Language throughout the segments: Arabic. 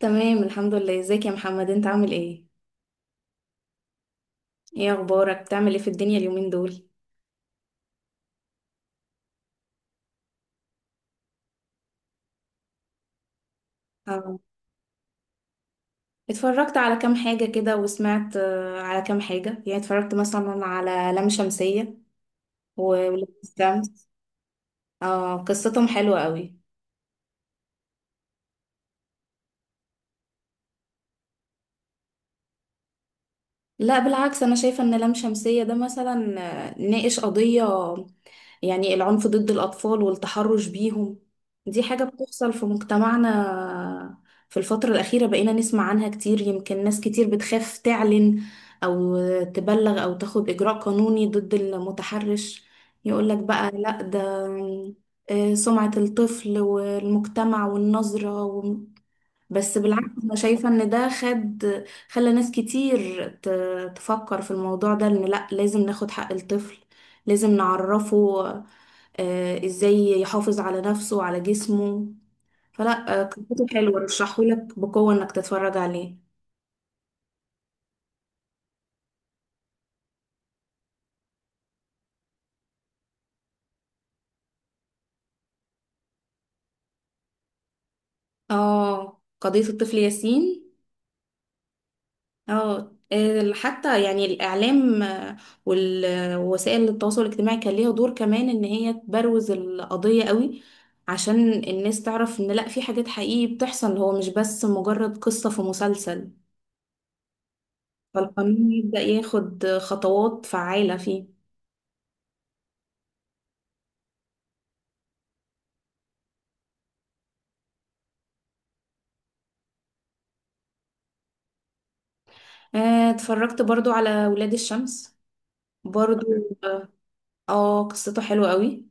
تمام، الحمد لله. ازيك يا محمد؟ انت عامل ايه؟ ايه اخبارك؟ بتعمل ايه في الدنيا اليومين دول؟ اه، اتفرجت على كام حاجة كده وسمعت، على كام حاجة. يعني اتفرجت مثلا على لام شمسية و- ولام الشمس. اه، قصتهم حلوة قوي. لا بالعكس، انا شايفة ان لام شمسية ده مثلا ناقش قضية، يعني العنف ضد الأطفال والتحرش بيهم. دي حاجة بتحصل في مجتمعنا في الفترة الأخيرة. بقينا نسمع عنها كتير. يمكن ناس كتير بتخاف تعلن أو تبلغ أو تاخد إجراء قانوني ضد المتحرش، يقولك بقى لأ، ده سمعة الطفل والمجتمع والنظرة. بس بالعكس، انا شايفة ان ده خد، خلى ناس كتير تفكر في الموضوع ده، ان لا، لازم ناخد حق الطفل، لازم نعرفه ازاي يحافظ على نفسه وعلى جسمه. فلا قصته حلوة، رشحهولك بقوة انك تتفرج عليه. اه، قضية الطفل ياسين. اه، حتى يعني الإعلام، وال- ووسائل التواصل الاجتماعي كان ليها دور كمان إن هي تبروز القضية قوي، عشان الناس تعرف إن لأ، في حاجات حقيقي بتحصل، هو مش بس مجرد قصة في مسلسل. فالقانون يبدأ ياخد خطوات فعالة فيه. اتفرجت برضو على ولاد الشمس، برضو. اه، قصته حلوة قوي.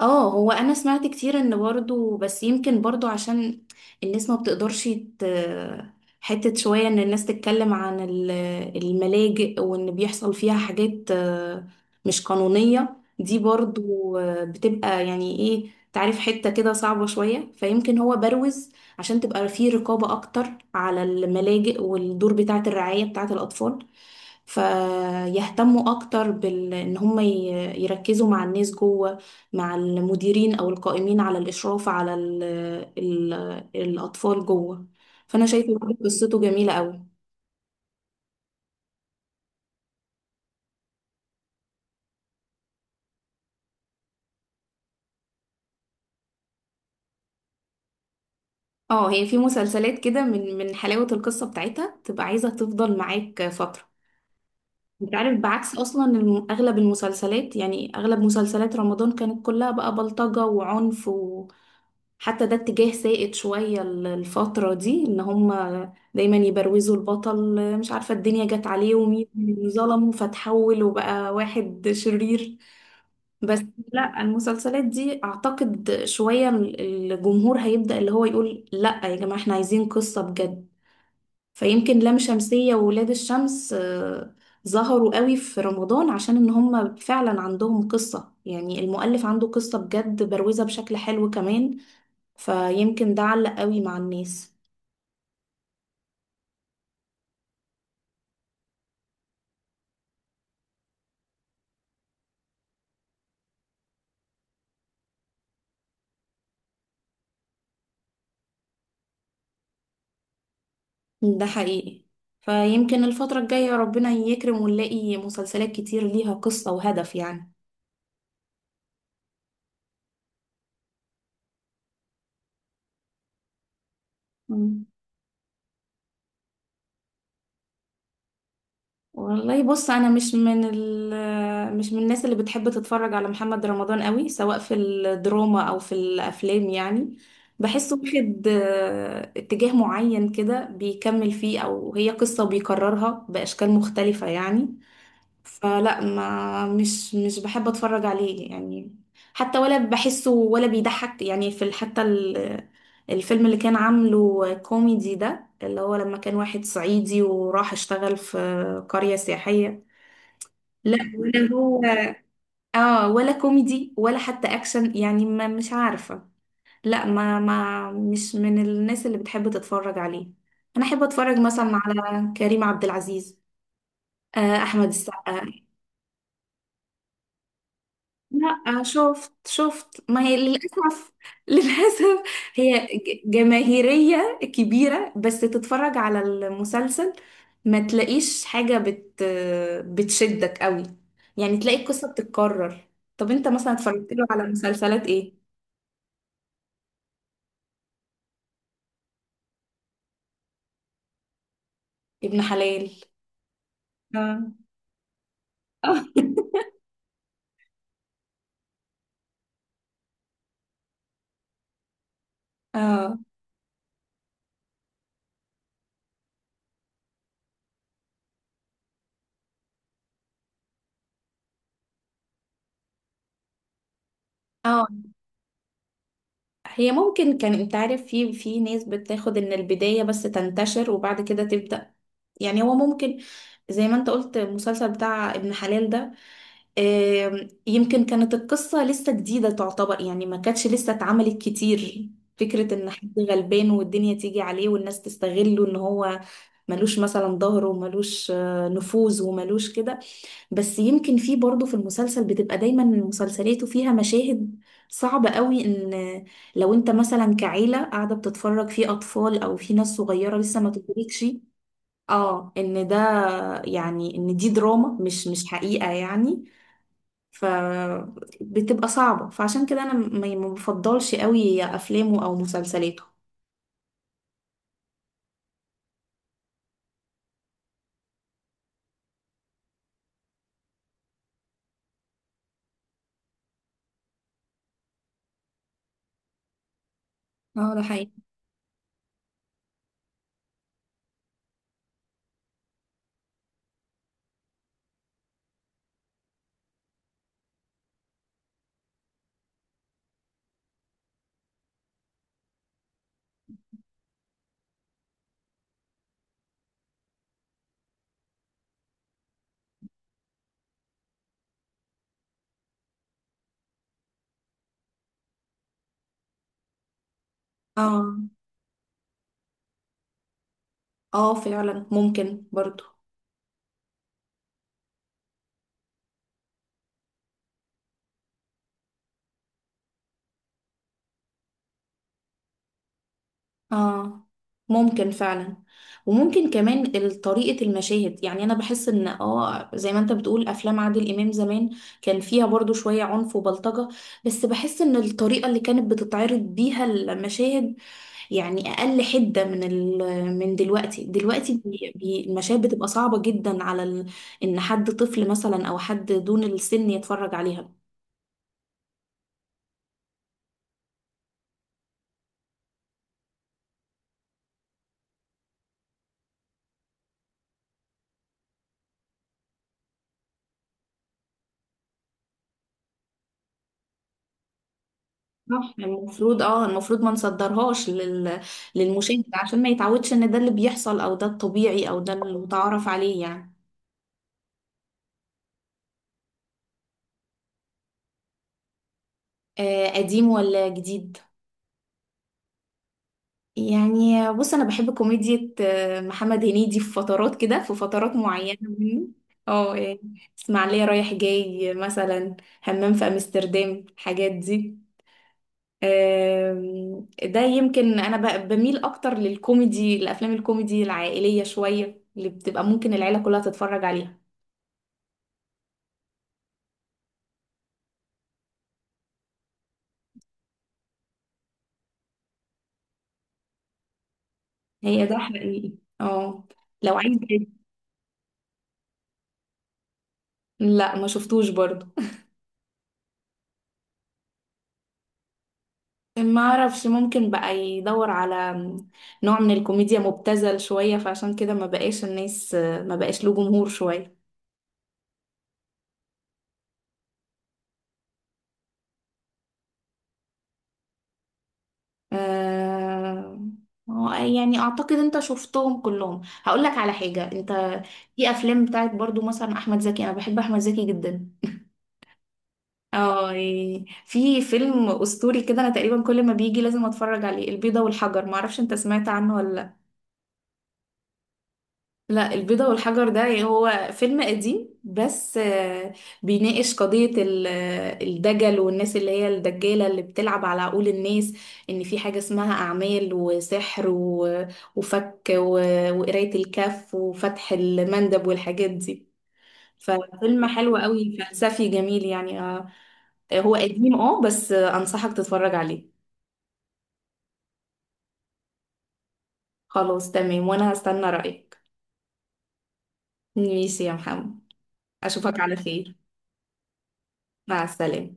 اه، هو انا سمعت كتير ان برضو، بس يمكن برضو عشان الناس ما بتقدرش حتة شوية ان الناس تتكلم عن الملاجئ وان بيحصل فيها حاجات مش قانونية. دي برضو بتبقى يعني ايه، تعرف، حتة كده صعبة شوية، فيمكن هو بروز عشان تبقى فيه رقابة اكتر على الملاجئ والدور بتاعة الرعاية بتاعة الاطفال، فيهتموا اكتر بال ان هم يركزوا مع الناس جوه، مع المديرين او القائمين على الاشراف على ال الاطفال جوه. فانا شايفه برضه قصته جميله قوي. اه، هي في مسلسلات كده من حلاوه القصه بتاعتها تبقى عايزه تفضل معاك فتره. انت عارف، بعكس اصلا اغلب المسلسلات، يعني اغلب مسلسلات رمضان كانت كلها بقى بلطجة وعنف. وحتى ده اتجاه سائد شوية الفترة دي، ان هم دايما يبروزوا البطل، مش عارفة الدنيا جت عليه ومين اللي ظلمه فتحول وبقى واحد شرير. بس لا، المسلسلات دي اعتقد شوية الجمهور هيبدأ اللي هو يقول لا يا جماعة، احنا عايزين قصة بجد. فيمكن لام شمسية وولاد الشمس ظهروا قوي في رمضان عشان ان هم فعلا عندهم قصة، يعني المؤلف عنده قصة بجد، بروزة بشكل حلو كمان، فيمكن ده علق قوي مع الناس. ده حقيقي. فيمكن الفترة الجاية ربنا يكرم ونلاقي مسلسلات كتير ليها قصة وهدف يعني. مم. والله بص، انا مش من الناس اللي بتحب تتفرج على محمد رمضان قوي، سواء في الدراما او في الافلام. يعني بحسه واخد اتجاه معين كده بيكمل فيه، او هي قصة بيكررها باشكال مختلفة يعني. فلا ما مش مش بحب اتفرج عليه يعني. حتى ولا بحسه ولا بيضحك، يعني في حتى الفيلم اللي كان عامله كوميدي ده اللي هو لما كان واحد صعيدي وراح اشتغل في قرية سياحية. لا، ولا هو اه ولا كوميدي ولا حتى اكشن، يعني ما مش عارفة. لا، ما ما مش من الناس اللي بتحب تتفرج عليه. انا احب اتفرج مثلا على كريم عبد العزيز، احمد السقا. لا شفت، ما هي للأسف للأسف هي جماهيرية كبيرة، بس تتفرج على المسلسل ما تلاقيش حاجة بتشدك قوي، يعني تلاقي القصة بتتكرر. طب انت مثلا اتفرجت له على مسلسلات ايه؟ ابن حلال، اه اه اه هي ممكن، كان انت عارف في ناس بتاخد ان البداية بس تنتشر وبعد كده تبدأ، يعني هو ممكن، زي ما انت قلت، المسلسل بتاع ابن حلال ده يمكن كانت القصة لسه جديدة تعتبر، يعني ما كانتش لسه اتعملت كتير، فكرة ان حد غلبان والدنيا تيجي عليه والناس تستغله ان هو ملوش مثلا ظهر وملوش نفوذ وملوش كده. بس يمكن في برضه في المسلسل بتبقى دايما مسلسلاته فيها مشاهد صعبة قوي، ان لو انت مثلا كعيلة قاعدة بتتفرج في اطفال او في ناس صغيرة لسه ما تدركش اه ان ده، يعني ان دي دراما مش حقيقة يعني. فبتبقى صعبة، فعشان كده انا ما بفضلش قوي افلامه او مسلسلاته. اه ده حقيقي. اه اه فعلا ممكن برضه، اه ممكن فعلا. وممكن كمان طريقة المشاهد. يعني انا بحس ان اه زي ما انت بتقول افلام عادل امام زمان كان فيها برضو شوية عنف وبلطجة، بس بحس ان الطريقة اللي كانت بتتعرض بيها المشاهد يعني اقل حدة من ال، من دلوقتي. دلوقتي بي بي المشاهد بتبقى صعبة جدا على ال، ان حد طفل مثلا او حد دون السن يتفرج عليها. صح، المفروض اه ما نصدرهاش للمشاهد عشان ما يتعودش ان ده اللي بيحصل، او ده الطبيعي، او ده اللي متعارف عليه يعني. آه، قديم ولا جديد؟ يعني بص، انا بحب كوميديا محمد هنيدي في فترات كده، في فترات معينة منه. اه يعني اسماعيلية رايح جاي مثلا، همام في امستردام، الحاجات دي. ده يمكن انا بميل اكتر للكوميدي، الافلام الكوميدي العائلية شوية اللي بتبقى ممكن العيلة كلها تتفرج عليها. هي ده حقيقي. اه، لو عايز. لا، ما شفتوش برضو. ما اعرفش، ممكن بقى يدور على نوع من الكوميديا مبتذل شوية، فعشان كده ما بقاش له جمهور شوية. آه... يعني اعتقد انت شفتهم كلهم. هقول لك على حاجة، انت في افلام بتاعت برضو مثلا احمد زكي، انا بحب احمد زكي جدا اه، يعني في فيلم اسطوري كده انا تقريبا كل ما بيجي لازم اتفرج عليه، البيضة والحجر، ما اعرفش انت سمعت عنه ولا؟ لا، البيضة والحجر ده، يعني هو فيلم قديم بس، بيناقش قضية الدجل والناس اللي هي الدجالة اللي بتلعب على عقول الناس، إن في حاجة اسمها أعمال وسحر وفك وقراية الكف وفتح المندب والحاجات دي. ففيلم حلو قوي، فلسفي جميل يعني. هو قديم اه، بس أنصحك تتفرج عليه. خلاص تمام، وأنا هستنى رأيك. ماشي يا محمد، أشوفك على خير. مع السلامة.